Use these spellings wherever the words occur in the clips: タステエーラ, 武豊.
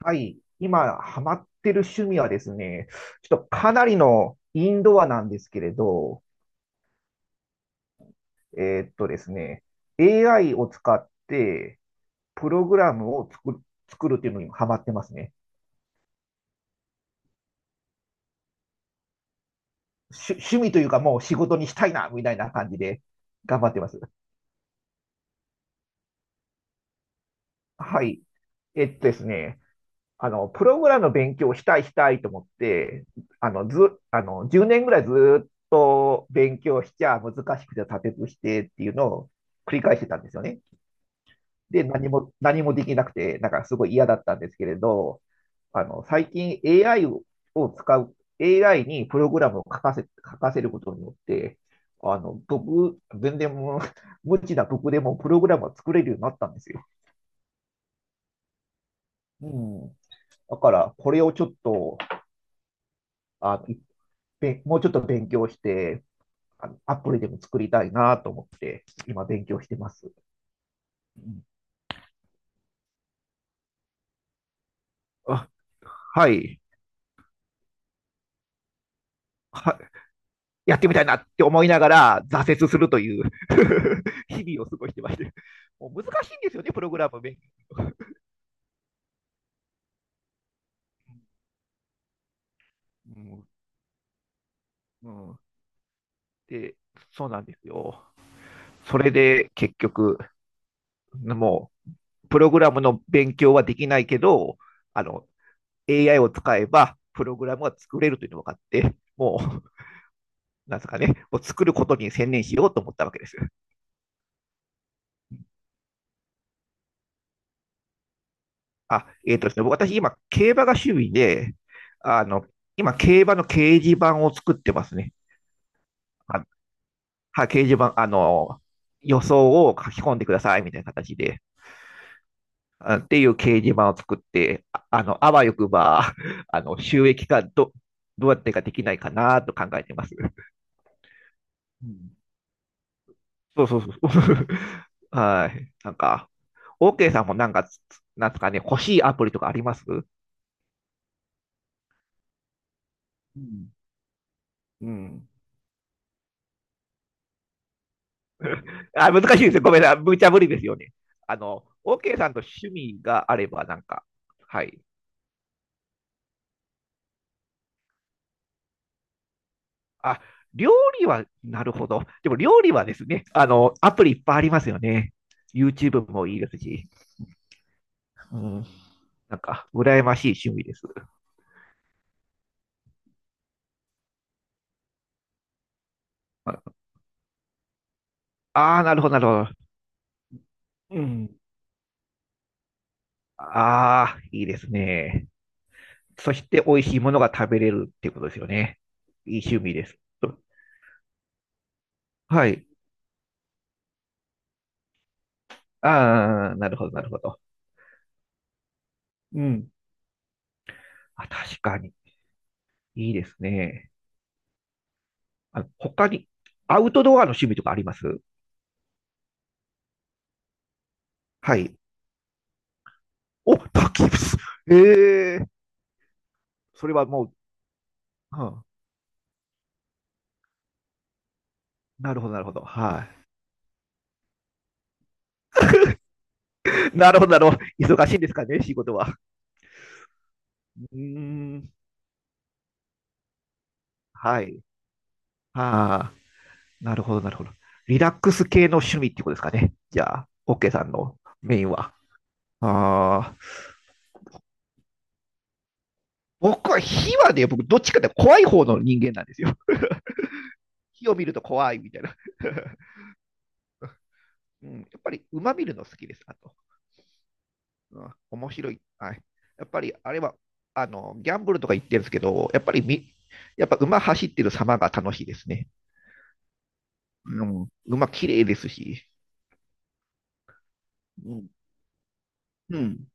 はい。今、ハマってる趣味はですね、ちょっとかなりのインドアなんですけれど、ですね、AI を使ってプログラムを作る、っていうのにハマってますね。趣味というかもう仕事にしたいな、みたいな感じで頑張ってます。はい。えっとですね、あの、プログラムの勉強をしたいと思って、あの、ず、あの、10年ぐらいずっと勉強しちゃ難しくて立てずしてっていうのを繰り返してたんですよね。で、何もできなくて、なんかすごい嫌だったんですけれど、最近 AI を使う、AI にプログラムを書かせることによって、あの、僕、全然もう、無知な僕でもプログラムを作れるようになったんですよ。うん。だから、これをちょっと、いっぺん、もうちょっと勉強して、アプリでも作りたいなと思って、今勉強してます。うん、あ、はい。は、やってみたいなって思いながら挫折するという 日々を過ごしてまして、もう難しいんですよね、プログラム勉強、うんうん。で、そうなんですよ。それで結局、もうプログラムの勉強はできないけど、あの AI を使えばプログラムが作れるというのが分かって、もう、なんですかね、もう作ることに専念しようと思ったわけです。あ、えっ、ー、とですね、私今、競馬が趣味で、あの、今、競馬の掲示板を作ってますね。あはい、掲示板、予想を書き込んでくださいみたいな形で、あっていう掲示板を作って、あわよくば、収益化どうやってかできないかなと考えてます。うんそうそうそう。はい。なんか、OK さんもなんか、なんですかね、欲しいアプリとかあります？うんうん。あ、難しいですよ。ごめんなさい。無茶ぶりですよね。OK さんと趣味があれば、なんか、はい。あ、料理は、なるほど。でも料理はですね、アプリいっぱいありますよね。YouTube もいいですし、うん、なんか、羨ましい趣味です。ああ、なるほど、なるほど。うん、ああ、いいですね。そして美味しいものが食べれるっていうことですよね。いい趣味です。はい。ああ、なるほど、なるほど。うん。あ、確かに。いいですね。あ、他に、アウトドアの趣味とかあります？はい。お、焚き火。ええー、それはもう、うん、なるほど、なるほど。はい。なるほど、なるほど。忙しいんですかね、仕事は。うーん。はい。ああ、なるほど、なるほど。リラックス系の趣味ってことですかね。じゃあ、オッケーさんのメインは？ああ、僕は火はね、僕、どっちかって怖い方の人間なんですよ。火を見ると怖いみたいな。うん、やっぱり馬見るの好きです、あと。うん、面白い。はい。やっぱり、あれは、ギャンブルとか言ってるんですけど、やっぱ馬走ってる様が楽しいですね。うん、馬綺麗ですし。うん。うん。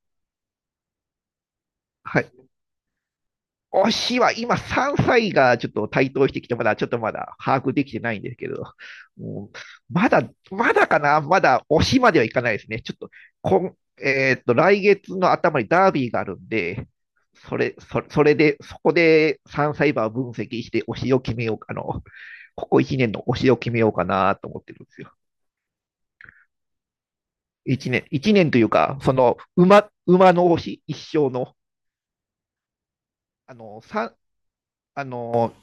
はい。推しは今3歳がちょっと台頭してきて、まだちょっとまだ把握できてないんですけど、もうまだ、まだかなまだ推しまではいかないですね。ちょっと、こん、えーっと、来月の頭にダービーがあるんで、それで、そこで3歳馬を分析して推しを決めようか、ここ1年の推しを決めようかなと思ってるんですよ。1年、一年というか、その、馬の推し、一生の。あの、さ、あの、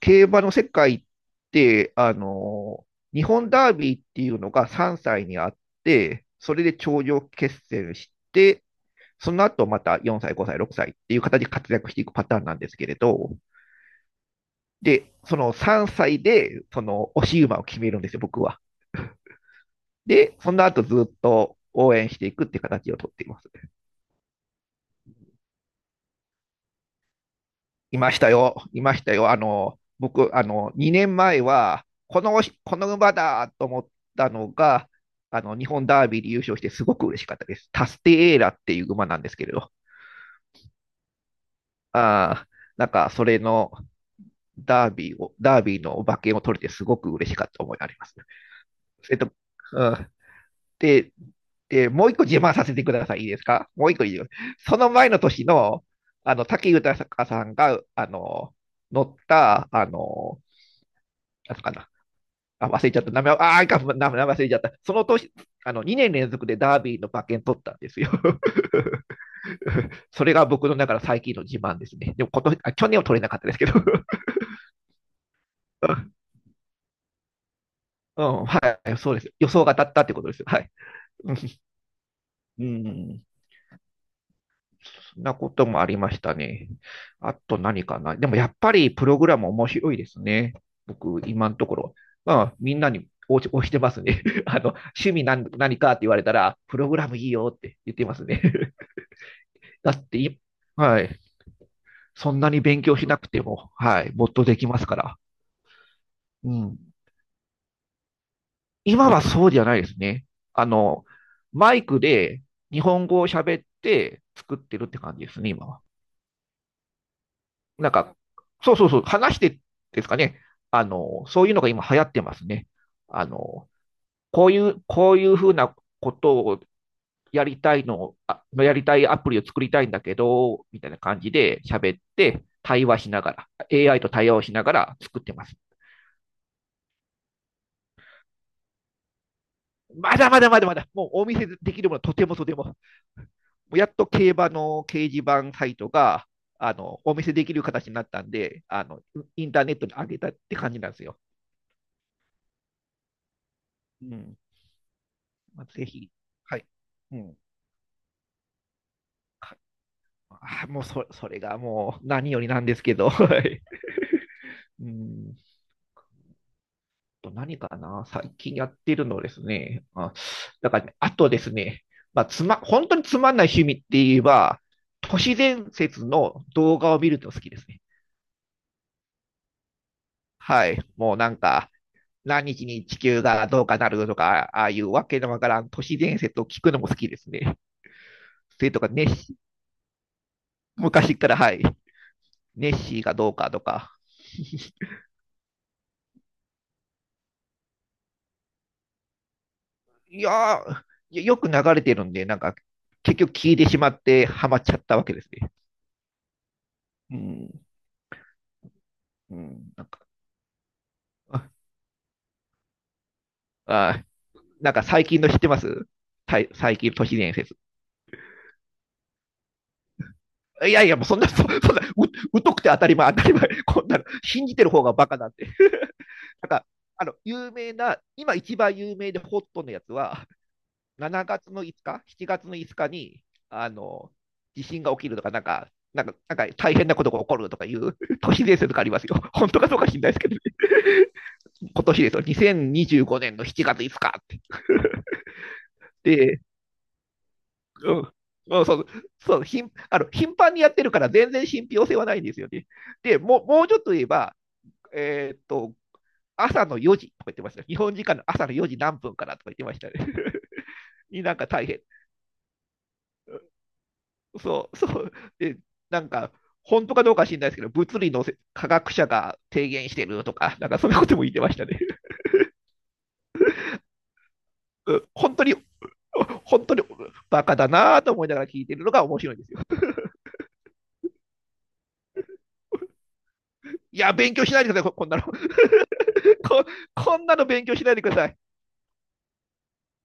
競馬の世界って、日本ダービーっていうのが3歳にあって、それで頂上決戦して、その後また4歳、5歳、6歳っていう形で活躍していくパターンなんですけれど、で、その3歳で、その押し馬を決めるんですよ、僕は。で、その後ずっと応援していくっていう形をとっています。いましたよ、いましたよ。僕、2年前は、この馬だと思ったのが、日本ダービーで優勝してすごく嬉しかったです。タステエーラっていう馬なんですけれど、ああ、なんか、それのダービーの馬券を取れてすごく嬉しかった思いがあります。えっと、うん、で、で、もう一個自慢させてください。いいですか？もう一個いいよ。その前の年の、武豊さんが、乗った、なんすかな、あ、忘れちゃった。名前、名前忘れちゃった。その年、2年連続でダービーの馬券取ったんですよ。それが僕の中の最近の自慢ですね。でも今年、あ、去年は取れなかったですけど。うん、はい、そうです。予想が当たったってことです。はい。うん、そんなこともありましたね。あと何かな。でもやっぱりプログラム面白いですね。僕、今のところ。まあ、みんなに押してますね。趣味何かって言われたら、プログラムいいよって言ってますね。だってい、はい。そんなに勉強しなくても、はい。もっとできますから。うん。今はそうじゃないですね。あの、マイクで日本語を喋って作ってるって感じですね、今は。なんか、そうそうそう、話してですかね。そういうのが今流行ってますね。あの、こういうふうなことをやりたいのやりたいアプリを作りたいんだけど、みたいな感じで喋って、対話しながら、AI と対話をしながら作ってます。まだまだまだまだ、もうお見せできるものはとてもとても。もうやっと競馬の掲示板サイトが、お見せできる形になったんで、インターネットに上げたって感じなんですよ。うん。ぜひ。はい。うん。あもうそ、それがもう何よりなんですけど。はい。うんと何かな、最近やってるのですね。あ、だからね、あとですね、まあ、本当につまんない趣味って言えば、都市伝説の動画を見るの好きですね。はい。もうなんか、何日に地球がどうかなるとか、ああいうわけのわからん都市伝説を聞くのも好きですね。それとか、ネッシー、昔から、はい。ネッシーがどうかとか。いやー、よく流れてるんで、なんか、結局聞いてしまってハマっちゃったわけですね。うん、うん、なんか、あ最近の知ってます？最近の都市伝説。いやいや、もうそんな、そそんな、う、疎くて当たり前、当たり前。こんなの、信じてる方がバカなんて。なんか、有名な、今一番有名でホットのやつは、7月の5日、7月の5日に、あの、地震が起きるとか、なんか大変なことが起こるとかいう 都市伝説とかありますよ。本当かどうか知んないですけど、ね。今年ですよ、2025年の7月5日って。で、うんうん、そうそう頻あの頻繁にやってるから全然信憑性はないんですよね。でもうもうちょっと言えば、えーっと朝の4時とか言ってました。日本時間の朝の4時何分からとか言ってましたね。になんか大変。そうそう、で、なんか本当かどうか知らないですけど、物理の科学者が提言してるとか、なんかそんなことも言ってましたね。本当に、本当にバカだなと思いながら聞いてるのが面白いんですよ。いや、勉強しないでください、こんなの。ここんなの勉強しないでください。